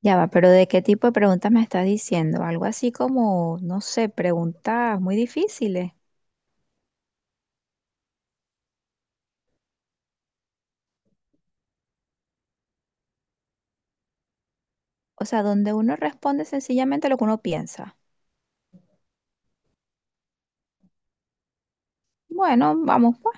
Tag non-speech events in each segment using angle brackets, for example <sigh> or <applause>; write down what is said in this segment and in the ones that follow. Ya va, pero ¿de qué tipo de preguntas me estás diciendo? Algo así como, no sé, preguntas muy difíciles. O sea, donde uno responde sencillamente lo que uno piensa. Bueno, vamos pues.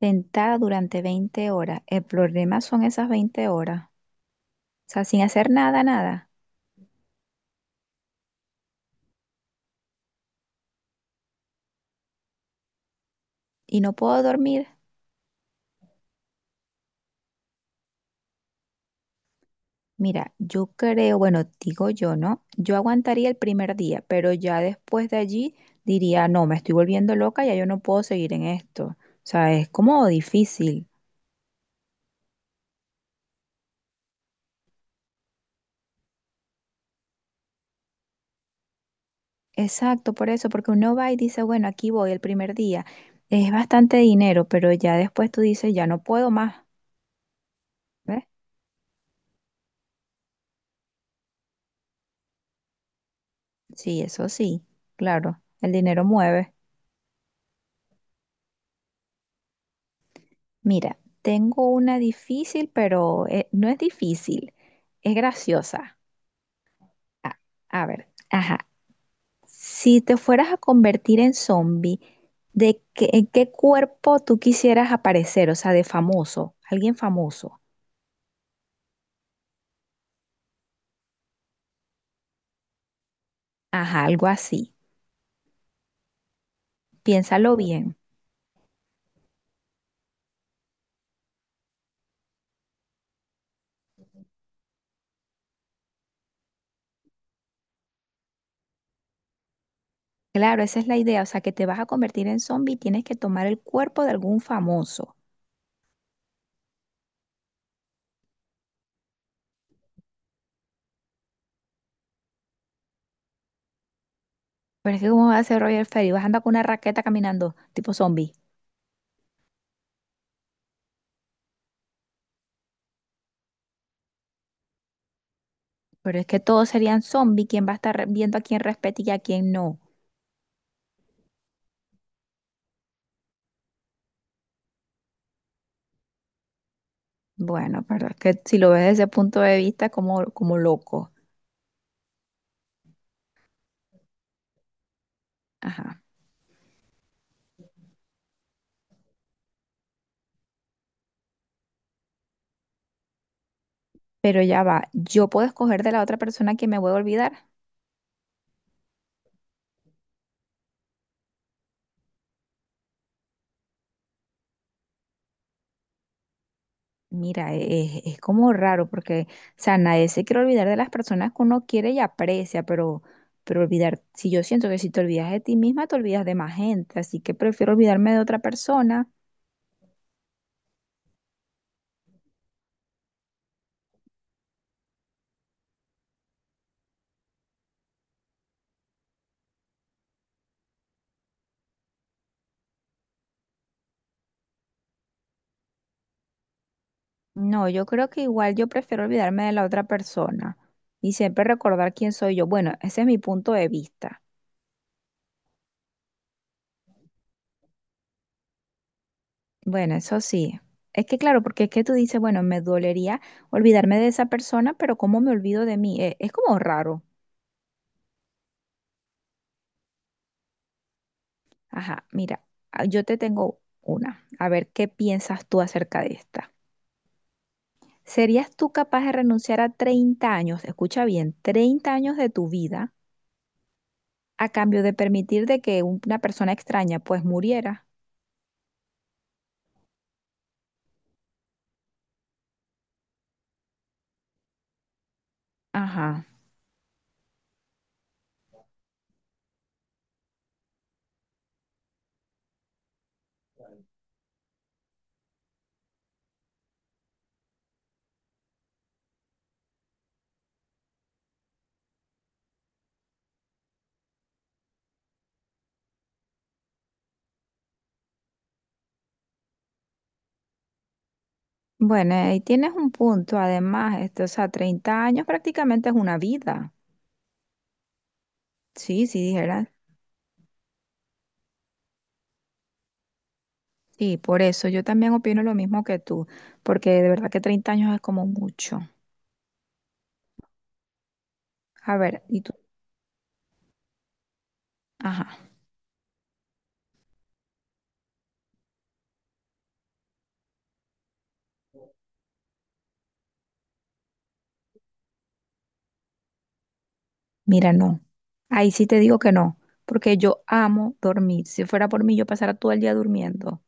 Sentada durante 20 horas. El problema son esas 20 horas. O sea, sin hacer nada, nada. Y no puedo dormir. Mira, yo creo, bueno, digo yo, ¿no? Yo aguantaría el primer día, pero ya después de allí diría, no, me estoy volviendo loca, ya yo no puedo seguir en esto. O sea, es como difícil. Exacto, por eso, porque uno va y dice, bueno, aquí voy el primer día. Es bastante dinero, pero ya después tú dices, ya no puedo más, ¿ves? Sí, eso sí, claro, el dinero mueve. Mira, tengo una difícil, pero no es difícil, es graciosa. A, a ver, ajá, si te fueras a convertir en zombie, ¿de qué, en qué cuerpo tú quisieras aparecer? O sea, de famoso, alguien famoso. Ajá, algo así. Piénsalo bien. Claro, esa es la idea, o sea, que te vas a convertir en zombie y tienes que tomar el cuerpo de algún famoso. Pero es que ¿cómo va a ser Roger Ferry? Vas a andar con una raqueta caminando, tipo zombie. Pero es que todos serían zombie, ¿quién va a estar viendo a quién respeta y a quién no? Bueno, pero es que si lo ves desde ese punto de vista, como, como loco. Ajá. Pero ya va, yo puedo escoger de la otra persona que me voy a olvidar. Mira, es como raro porque, o sea, nadie se quiere olvidar de las personas que uno quiere y aprecia, pero olvidar, si yo siento que si te olvidas de ti misma, te olvidas de más gente, así que prefiero olvidarme de otra persona. No, yo creo que igual yo prefiero olvidarme de la otra persona y siempre recordar quién soy yo. Bueno, ese es mi punto de vista. Bueno, eso sí. Es que claro, porque es que tú dices, bueno, me dolería olvidarme de esa persona, pero ¿cómo me olvido de mí? Es, como raro. Ajá, mira, ah, yo te tengo una. A ver qué piensas tú acerca de esta. ¿Serías tú capaz de renunciar a 30 años, escucha bien, 30 años de tu vida a cambio de permitir de que una persona extraña pues muriera? Ajá. Bueno, ahí tienes un punto. Además, este, o sea, 30 años prácticamente es una vida. Sí, sí, dijeras. Sí, por eso yo también opino lo mismo que tú, porque de verdad que 30 años es como mucho. A ver, y tú, ajá, mira, no. Ahí sí te digo que no, porque yo amo dormir. Si fuera por mí, yo pasara todo el día durmiendo.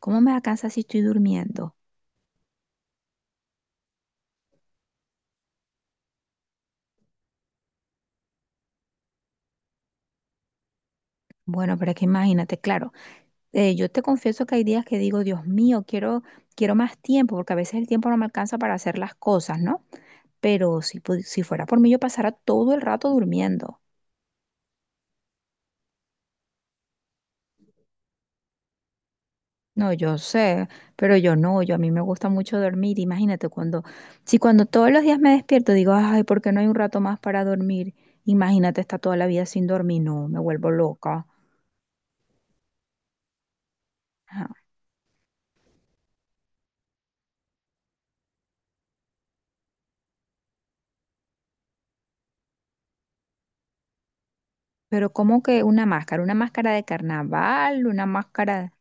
¿Cómo me alcanza si estoy durmiendo? Bueno, pero es que imagínate, claro, yo te confieso que hay días que digo, Dios mío, quiero, quiero más tiempo, porque a veces el tiempo no me alcanza para hacer las cosas, ¿no? Pero si, si fuera por mí, yo pasara todo el rato durmiendo. No, yo sé, pero yo no, yo a mí me gusta mucho dormir. Imagínate cuando, si cuando todos los días me despierto digo, ay, ¿por qué no hay un rato más para dormir? Imagínate estar toda la vida sin dormir, no, me vuelvo loca. Ajá. Pero ¿cómo que una máscara? ¿Una máscara de carnaval? ¿Una máscara?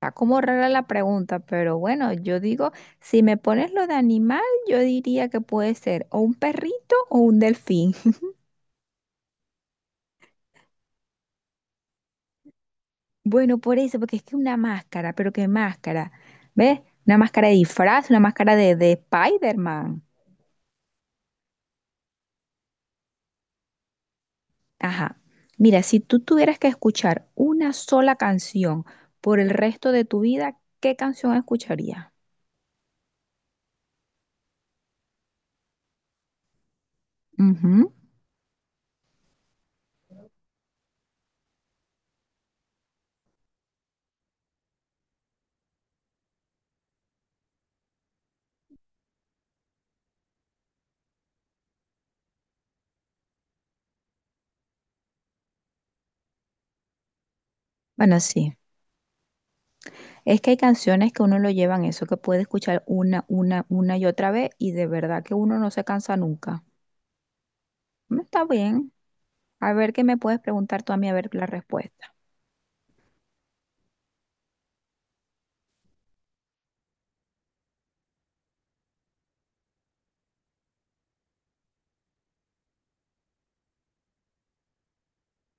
Está como rara la pregunta, pero bueno, yo digo, si me pones lo de animal, yo diría que puede ser o un perrito o un delfín. Bueno, por eso, porque es que una máscara, pero qué máscara, ¿ves? Una máscara de disfraz, una máscara de Spider-Man. Ajá. Mira, si tú tuvieras que escuchar una sola canción por el resto de tu vida, ¿qué canción escucharías? Ujú. Bueno, sí. Es que hay canciones que uno lo llevan eso, que puede escuchar una y otra vez y de verdad que uno no se cansa nunca. Mm, está bien. A ver qué me puedes preguntar tú a mí, a ver la respuesta.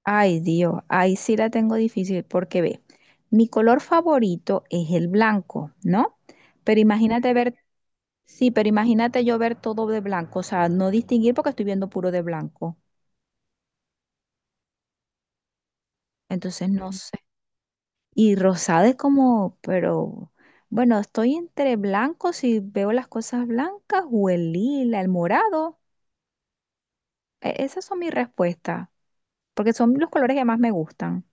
Ay, Dios, ahí sí la tengo difícil porque ve, mi color favorito es el blanco, ¿no? Pero imagínate ver, sí, pero imagínate yo ver todo de blanco, o sea, no distinguir porque estoy viendo puro de blanco. Entonces no sé. Y rosada es como, pero bueno, estoy entre blanco si veo las cosas blancas o el lila, el morado. Esas son mis respuestas, porque son los colores que más me gustan.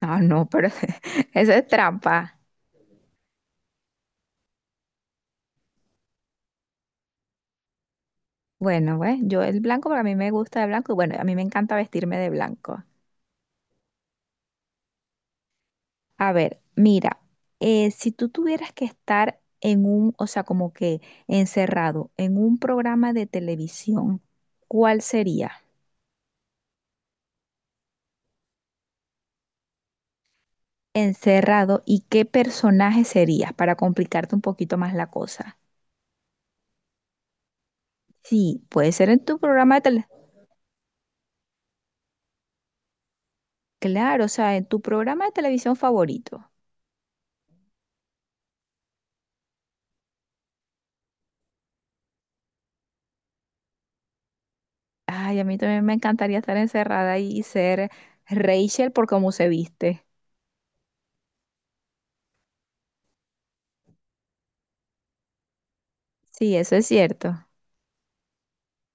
Ah, no, pero <laughs> esa es trampa. Bueno, pues yo el blanco, porque a mí me gusta el blanco y bueno, a mí me encanta vestirme de blanco. A ver, mira, si tú tuvieras que estar en un, o sea, como que encerrado en un programa de televisión, ¿cuál sería? Encerrado y qué personaje serías para complicarte un poquito más la cosa. Sí, puede ser en tu programa de tele, claro, o sea, en tu programa de televisión favorito. Ay, a mí también me encantaría estar encerrada y ser Rachel por cómo se viste. Sí, eso es cierto.